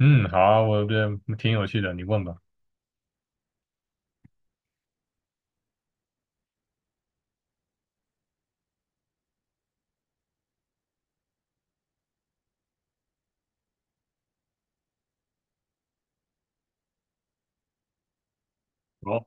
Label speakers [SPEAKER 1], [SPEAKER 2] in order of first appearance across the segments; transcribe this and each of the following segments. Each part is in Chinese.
[SPEAKER 1] 嗯，好啊我觉得挺有趣的，你问吧。哦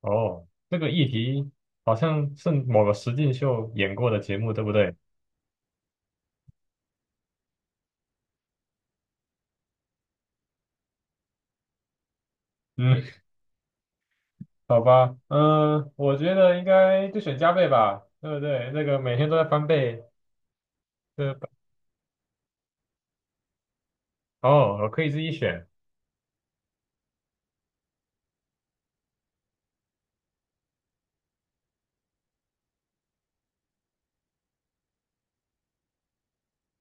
[SPEAKER 1] 哦，这个议题好像是某个实境秀演过的节目，对不对？嗯，好吧，嗯，我觉得应该就选加倍吧，对不对？那个每天都在翻倍，这哦，我可以自己选，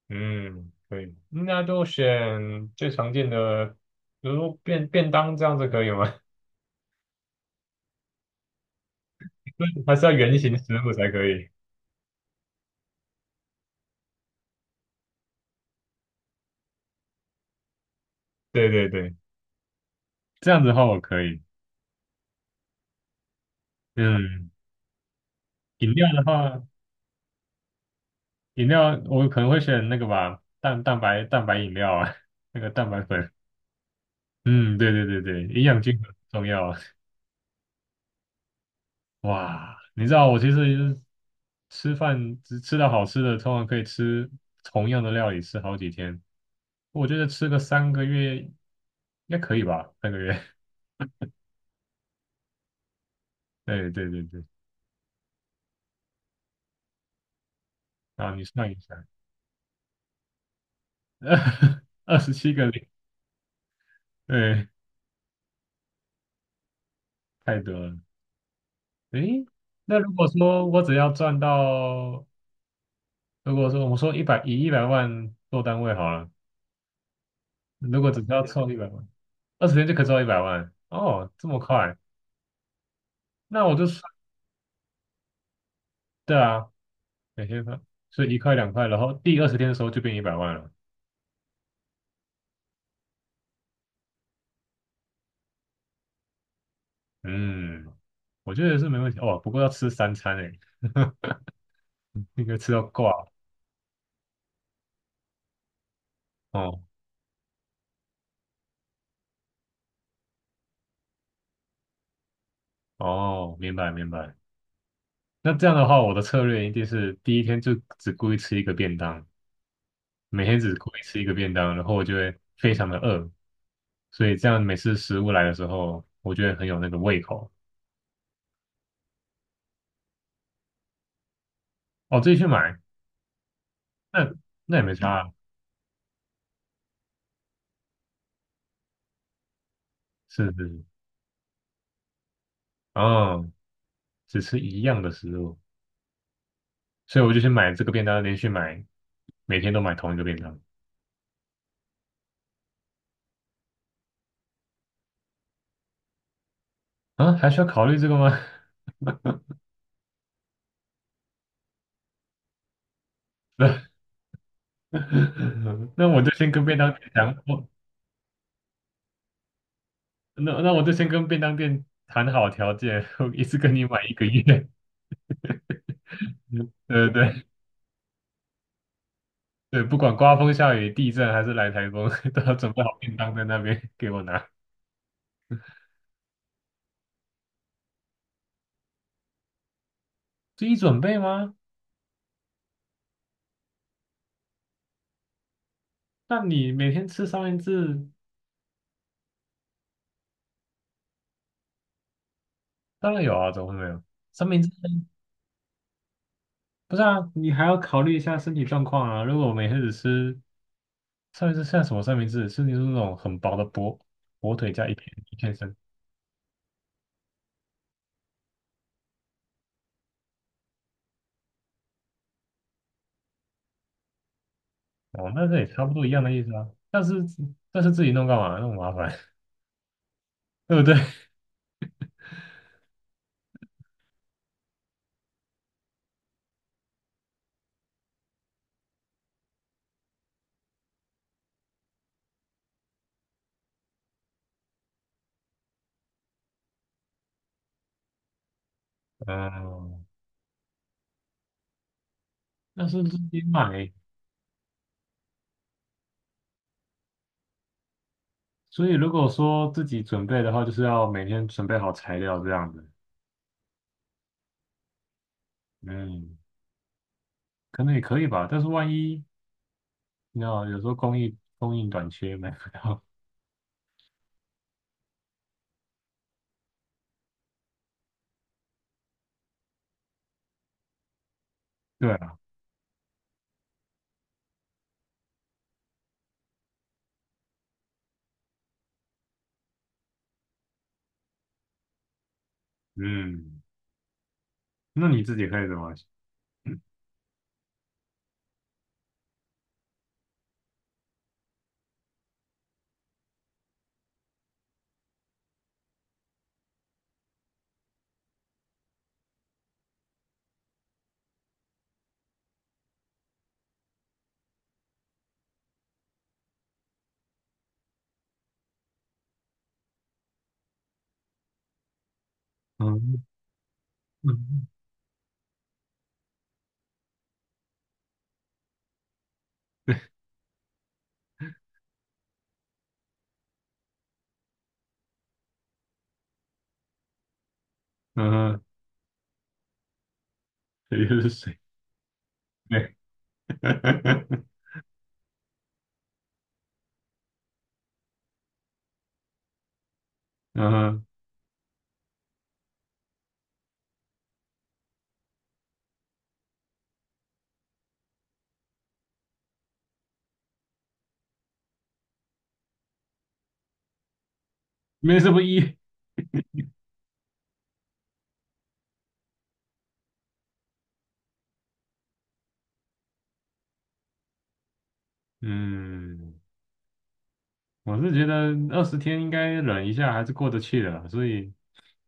[SPEAKER 1] 嗯，可以，那就选最常见的，比如说便当这样子可以吗？还是要圆形食物才可以？对对对，这样子的话我可以。嗯，饮料的话，饮料我可能会选那个吧，蛋白饮料啊，那个蛋白粉。嗯，对对对对，营养均衡很重要啊。哇，你知道我其实吃饭只吃到好吃的，通常可以吃同样的料理吃好几天。我觉得吃个三个月应该可以吧，三个月。对对对对，啊，你算一下，27个零，对，太多了。诶，那如果说我只要赚到如果说我们说一百万做单位好了，如果只需要凑一百万，二十天就可以凑一百万哦，这么快？那我就算对啊，每天算，所以1块2块，然后第20天的时候就变一百万了。嗯，我觉得是没问题哦，不过要吃三餐诶，应该吃到挂哦哦，明白明白。那这样的话，我的策略一定是第一天就只故意吃一个便当，每天只故意吃一个便当，然后我就会非常的饿，所以这样每次食物来的时候，我觉得很有那个胃口。哦，自己去买，那那也没差啊是是是，哦，只吃一样的食物，所以我就去买这个便当，连续买，每天都买同一个便当啊，还需要考虑这个吗？那那我就先跟便当店讲，我那我就先跟便当店谈好条件，我一次跟你买1个月，对对对对，不管刮风下雨、地震还是来台风，都要准备好便当在那边给我拿。自己准备吗？那你每天吃三明治，当然有啊，怎么会没有？三明治不是啊，你还要考虑一下身体状况啊。如果我每天只吃三明治，像什么三明治？是你说那种很薄的薄火腿加一片一片生，哦，那这也差不多一样的意思啊。但是自己弄干嘛？那么麻烦，对不对？嗯，那是自己买，所以如果说自己准备的话，就是要每天准备好材料这样子。嗯，可能也可以吧，但是万一。你知道，有时候供应短缺买不到。对啊，嗯，那你自己会怎么？嗯嗯嗯，这就是水。对，嗯哼，没什么意义。嗯，我是觉得二十天应该忍一下还是过得去的啦，所以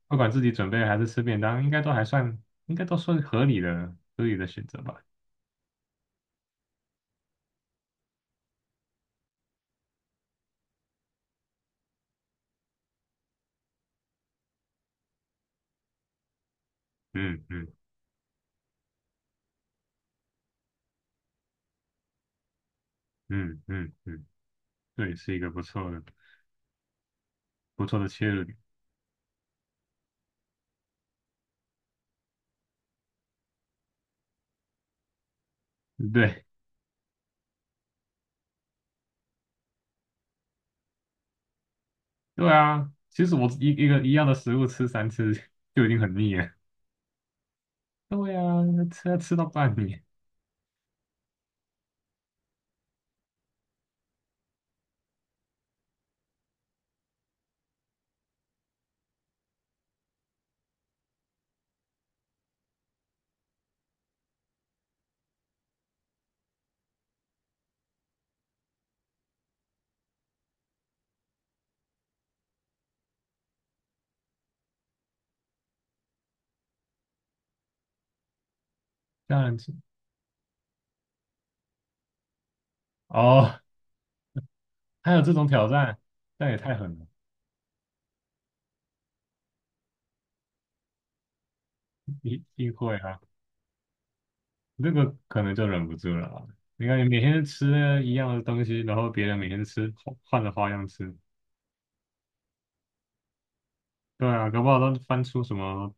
[SPEAKER 1] 不管自己准备还是吃便当，应该都还算，应该都算合理的选择吧。嗯嗯嗯嗯嗯，对，是一个不错的切入点。对。对啊，其实我一个一样的食物吃3次就已经很腻了。对啊，吃到半年，这样子哦，还有这种挑战，那也太狠了，一定会啊，这个可能就忍不住了啊。你看你每天吃一样的东西，然后别人每天吃换着花样吃，对啊，搞不好都翻出什么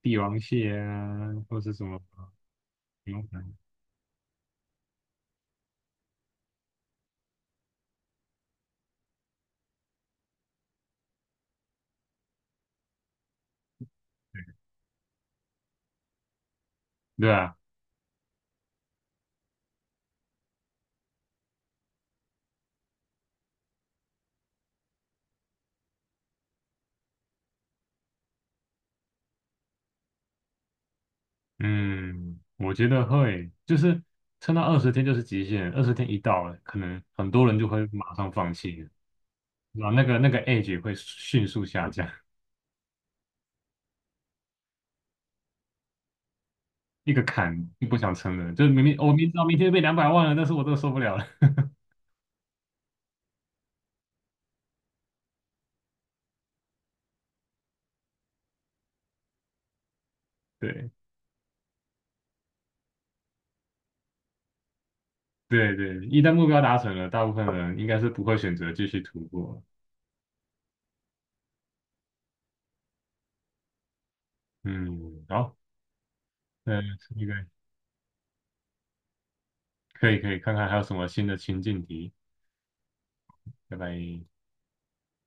[SPEAKER 1] 帝王蟹啊，或者是什么牛排，对啊。嗯，我觉得会，就是撑到二十天就是极限，二十天一到了，可能很多人就会马上放弃了，然后那个 edge 会迅速下降，一个坎就不想撑了，就是明明我明知道明天被200万了，但是我都受不了了。对对对，一旦目标达成了，大部分人应该是不会选择继续突破。嗯，好，嗯，这个可以可以看看还有什么新的情境题，拜拜。